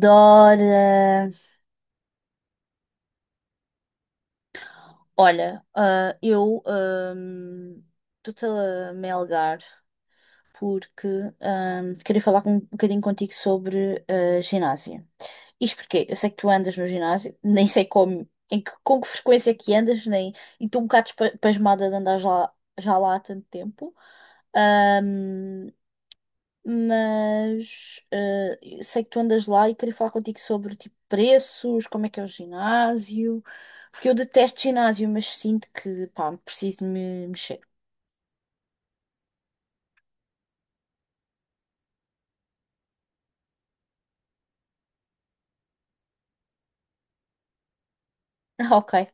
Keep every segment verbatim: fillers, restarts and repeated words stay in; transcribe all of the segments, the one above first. Dora. Olha, ah, eu ah, estou-te a melgar porque ahm, queria falar com- um bocadinho contigo sobre ah, ginásio. Isto porque eu sei que tu andas no ginásio, nem sei como, em que, com que frequência é que andas, nem, e estou um bocado espa- pasmada de andar já já lá há tanto tempo. Ah, mas eh, sei que tu andas lá e queria falar contigo sobre tipo preços, como é que é o ginásio, porque eu detesto ginásio, mas sinto que pá, preciso de me mexer. Ah, ok.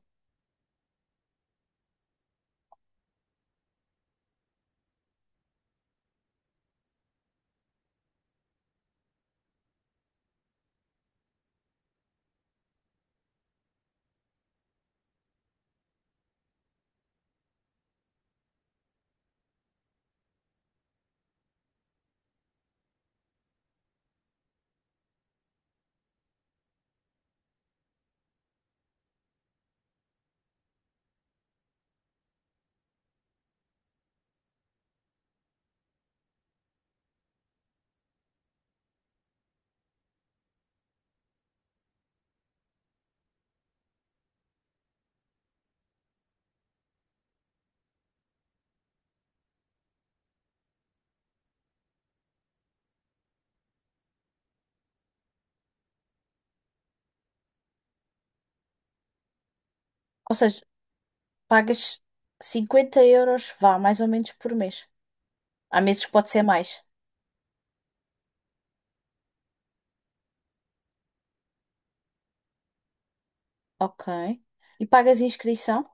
Ou seja, pagas cinquenta euros, vá, mais ou menos por mês. Há meses que pode ser mais. Ok. E pagas inscrição?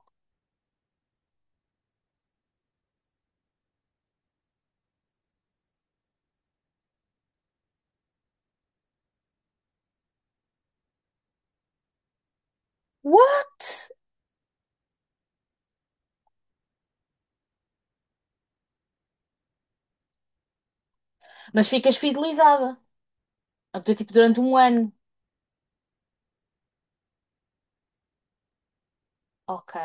What? Mas ficas fidelizada. Então, tipo, durante um ano. Ok.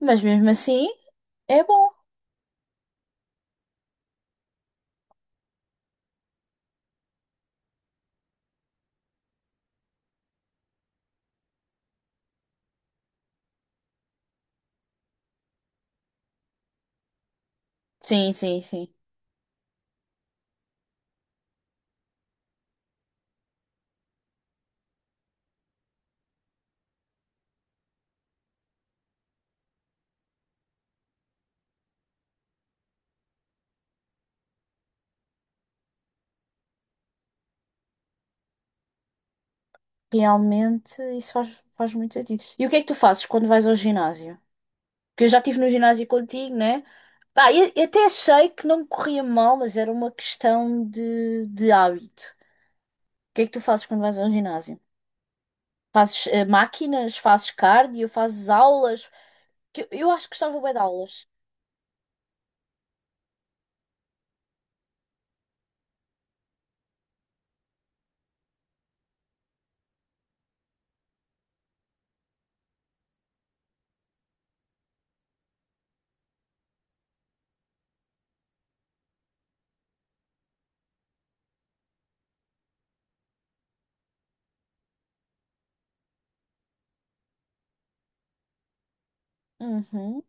Mas mesmo assim, é bom. Sim, sim, sim. Realmente, isso faz, faz muito sentido. E o que é que tu fazes quando vais ao ginásio? Porque eu já estive no ginásio contigo, né? Pá, eu, eu até achei que não me corria mal, mas era uma questão de, de hábito. O que é que tu fazes quando vais ao ginásio? Fazes eh, máquinas? Fazes cardio? Fazes aulas? Que eu, eu acho que gostava bem de aulas. Uhum,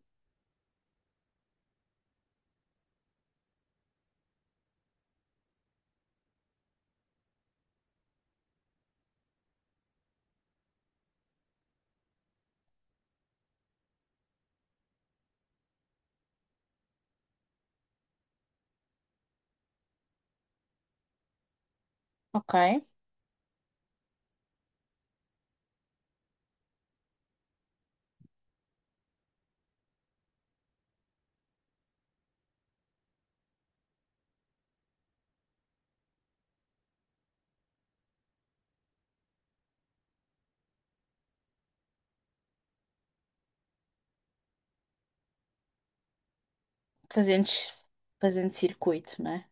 ok. Fazendo, ci- fazendo circuito, né?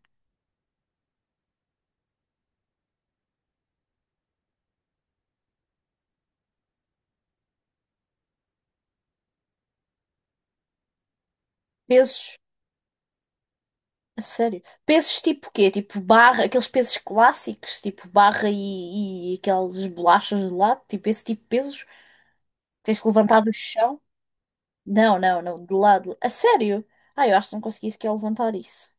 Pesos. A sério? Pesos tipo quê? Tipo barra, aqueles pesos clássicos, tipo barra e, e aqueles bolachas de lado, tipo esse tipo de pesos? Tens que levantar do chão? Não, não, não, de lado. A sério? Ah, eu acho que não consegui sequer levantar isso.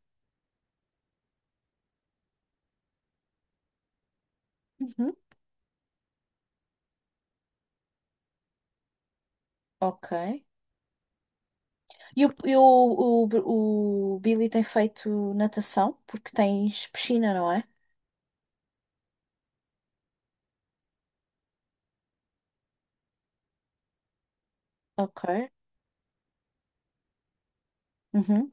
Uhum. Ok. E, o, e o, o, o Billy tem feito natação, porque tens piscina, não é? Ok. Uhum.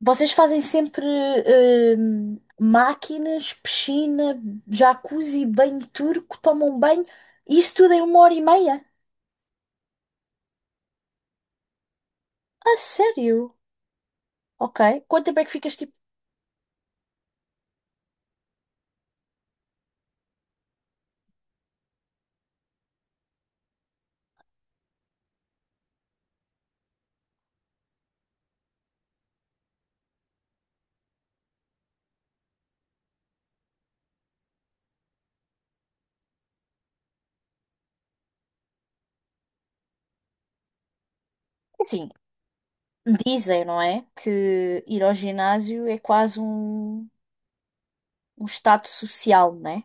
Vocês fazem sempre hum, máquinas, piscina, jacuzzi, banho turco, tomam banho, isso tudo em uma hora e meia? A sério? Ok. Quanto tempo é que ficas tipo. Assim, dizem, não é? Que ir ao ginásio é quase um, um estado social, né?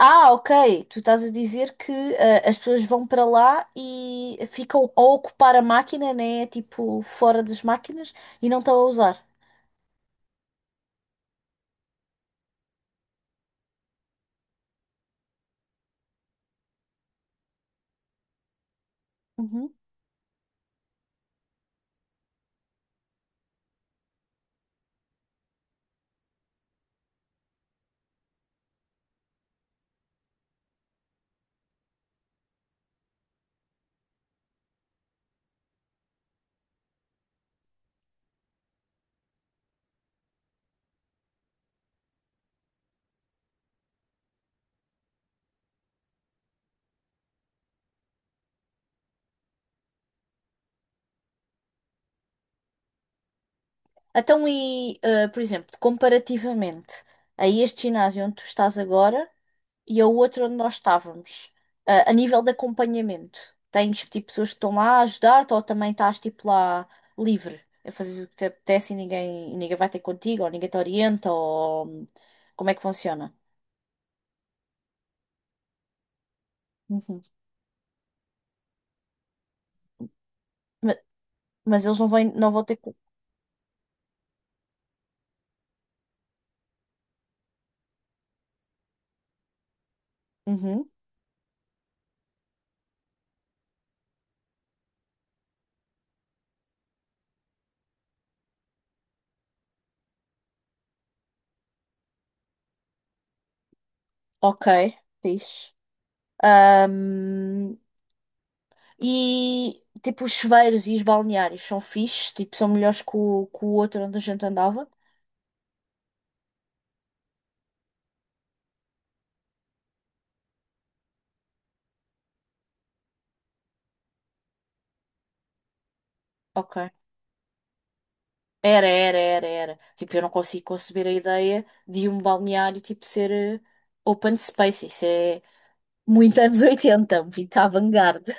Ah, ok. Tu estás a dizer que ah, as pessoas vão para lá e ficam a ocupar a máquina, né? Tipo, fora das máquinas e não estão a usar. Uhum. Então, e, eh, por exemplo, comparativamente a este ginásio onde tu estás agora e ao outro onde nós estávamos, eh, a nível de acompanhamento, tens tipo pessoas que estão lá a ajudar-te ou também estás tipo lá livre a fazer o que te apetece e ninguém, e ninguém vai ter contigo ou ninguém te orienta ou como é que funciona? Uhum. Ma- Mas, eles não vão, não vão ter. co- Uhum. Ok, fixe. E tipo, os chuveiros e os balneários são fixes, tipo, são melhores que o, que o outro onde a gente andava. Ok. Era, era, era, era. Tipo, eu não consigo conceber a ideia de um balneário tipo ser eh, open space. Isso é muito anos oitenta, muito avant-garde.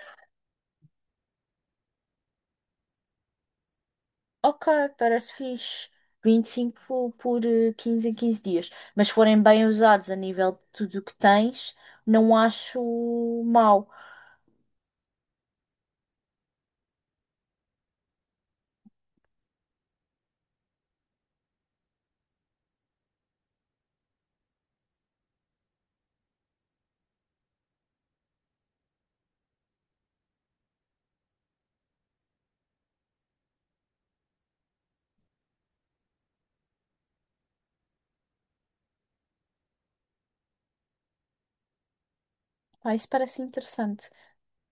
Ok, parece fixe. vinte e cinco por, por eh, quinze em quinze dias. Mas se forem bem usados a nível de tudo o que tens, não acho mau. Ah, isso parece interessante.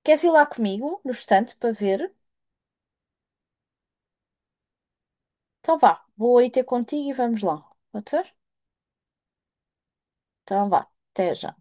Queres ir lá comigo, no estante, para ver? Então vá, vou aí ter contigo e vamos lá. Pode ser? Então vá, até já.